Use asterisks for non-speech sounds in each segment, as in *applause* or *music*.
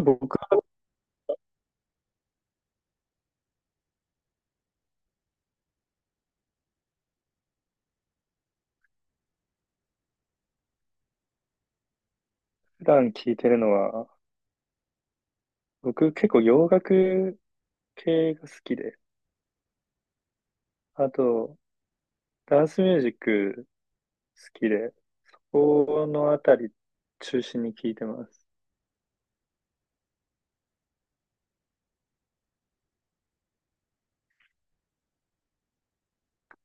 僕普段聞いてるのは、僕結構洋楽系が好きで、あとダンスミュージック好きで、このあたり中心に聞いてます。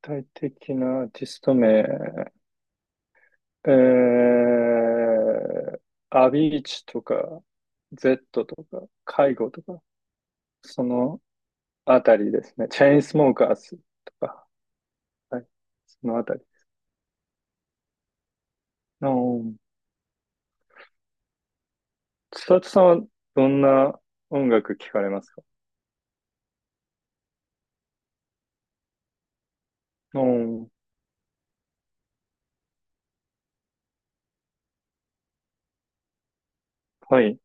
具体的なアーティスト名、えー、アビーチとか、Z とか、介護とか、そのあたりですね。チェインスモーカーズとか、はい、そのあたり。うん。千里さんはどんな音楽聞かれますか？うん。はい。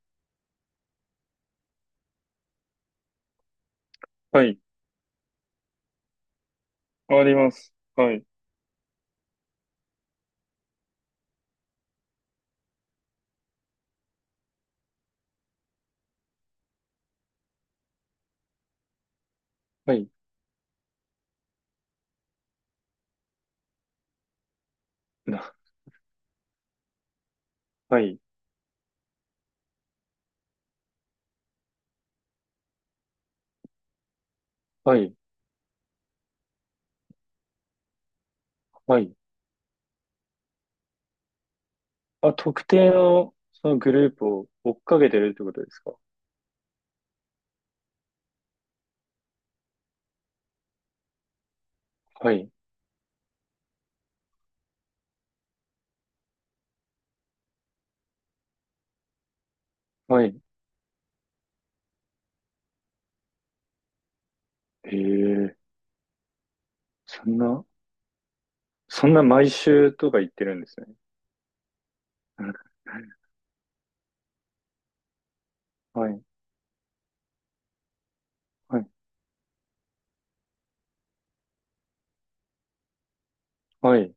はい。あります。はい。はい。な、はい。はい。はい。あ、特定の、そのグループを追っかけてるってことですか？はい。はい。へえ、そんな、そんな毎週とか言ってるんですね。*laughs* なんか。はい。はい。はい。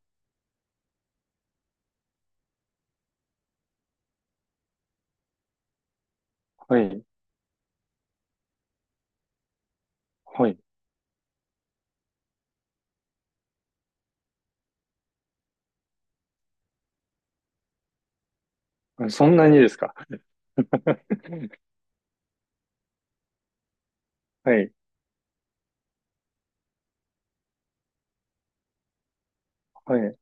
はい。はい。あ、そんなにですか？ *laughs* はい。はい。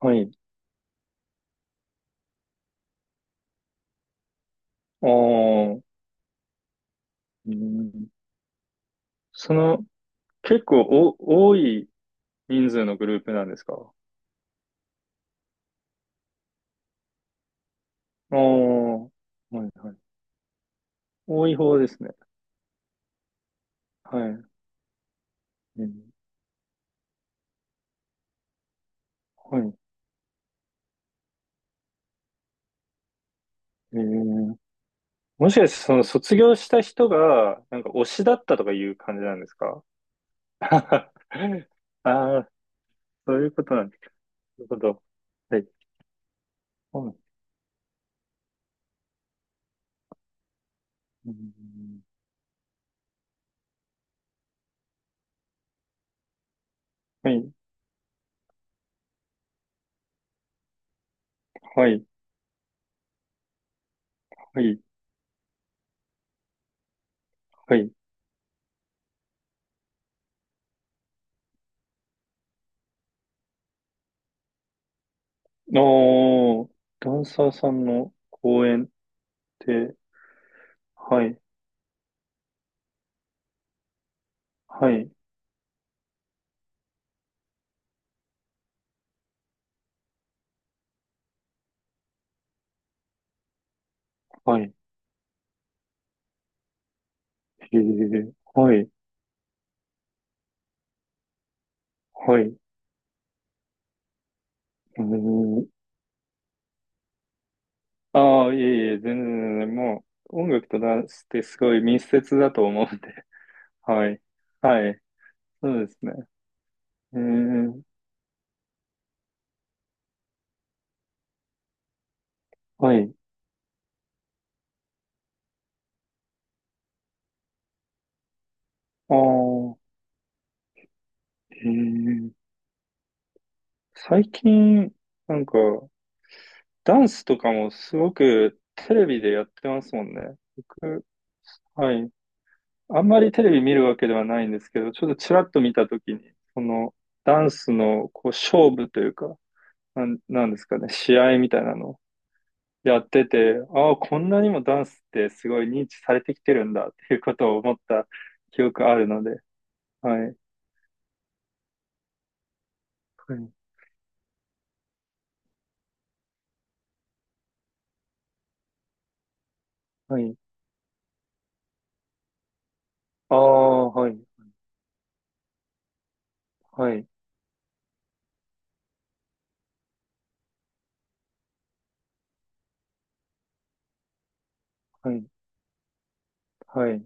はい。あー。うん。その、結構多い人数のグループなんですか？ああー。はい。はい。多い方ですね。はい。うん、はい。えー、もしかしてその卒業した人が、なんか推しだったとかいう感じなんですか？ *laughs* ああ、そういうことなんですか。なるほど。はい。はい。うん。はい。はい。はい。はい。おー、ダンサーさんの公演って、はい。はい。はい。へえ、はい。はい。うーん。ああ、いえいえ、全然全然、もう、音楽とダンスってすごい密接だと思うんで。*laughs* はい。はい。そうですね。えー、はい。ああ、えー、最近、なんか、ダンスとかもすごくテレビでやってますもんね。僕、はい。あんまりテレビ見るわけではないんですけど、ちょっとちらっと見たときに、その、ダンスの、こう、勝負というか、なんですかね、試合みたいなのやってて、ああ、こんなにもダンスってすごい認知されてきてるんだっていうことを思った記憶あるので、はい、はい、はい。ああ、はい、はい、はい、はい、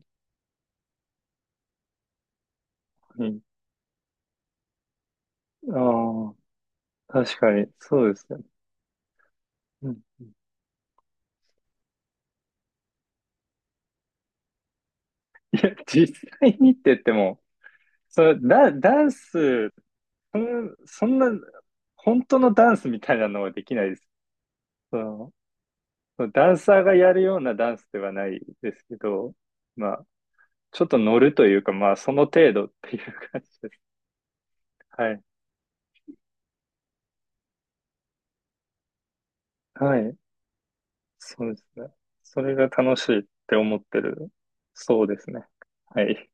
はい。ああ、確かに、そうですね。うん、いや、実際にって言っても、それダ、ダンス、そんな、本当のダンスみたいなのはできないです。その、そのダンサーがやるようなダンスではないですけど、まあ、ちょっと乗るというか、まあ、その程度っていう感じです。はい。はい。そうですね。それが楽しいって思ってる。そうですね。はい。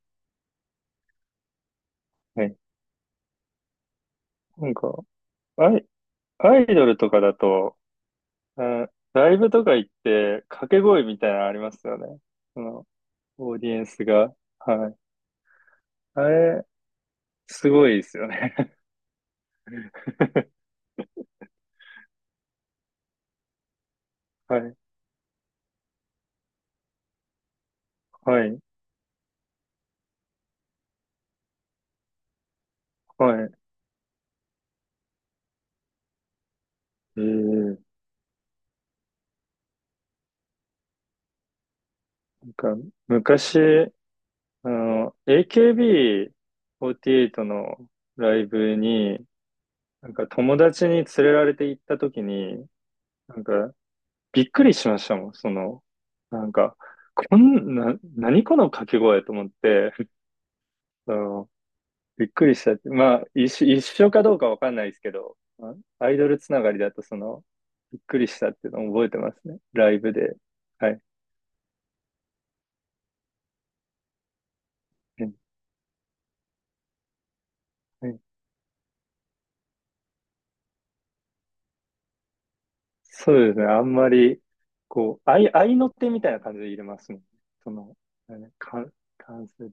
はい。なんか、アイ、アイドルとかだと、あ、ライブとか行って、掛け声みたいなのありますよね。その、オーディエンスが。はい。あれ、すごいですよね。*laughs* はい。はい。はい。ええ。なんか、昔、AKB48 のライブに、なんか友達に連れられて行った時に、なんかびっくりしましたもん、その、なんか、こんな、何この掛け声と思って、あの、びっくりしたって。まあ、一緒かどうかわかんないですけど、まあアイドルつながりだとその、びっくりしたっていうのを覚えてますね。ライブで。はい。うん。そうですね。あんまり、こう、愛の手みたいな感じで入れますもんね。その、あれ、感性って。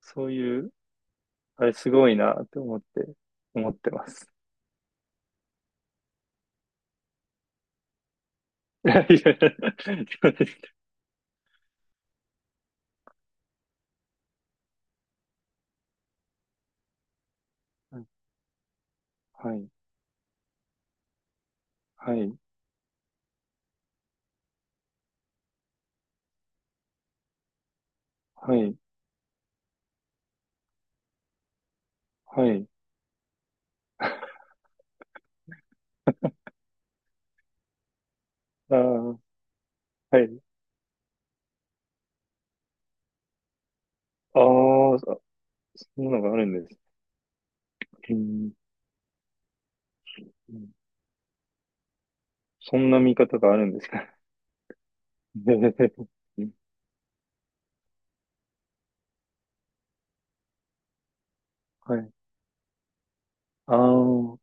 そういう、あれすごいなって思ってます。*laughs* はい、はい、はい、はい、はい。ああ、はい。ああ、そんなのがあるんです。うん、うん、そんな見方があるんですか？*laughs* はい。ああ、は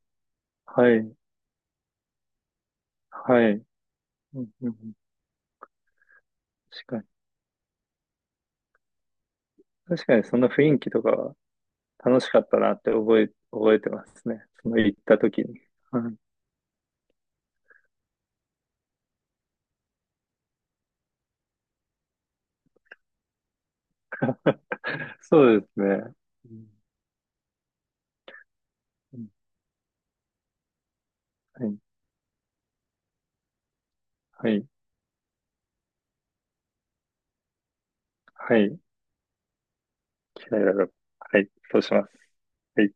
い、はい。うんうんうん。確かに。確かにそんな雰囲気とか楽しかったなって覚えてますね。その行った時に。はい。そうですね。うん。はい。はい。はい。嫌いだ。はい。そうします。はい。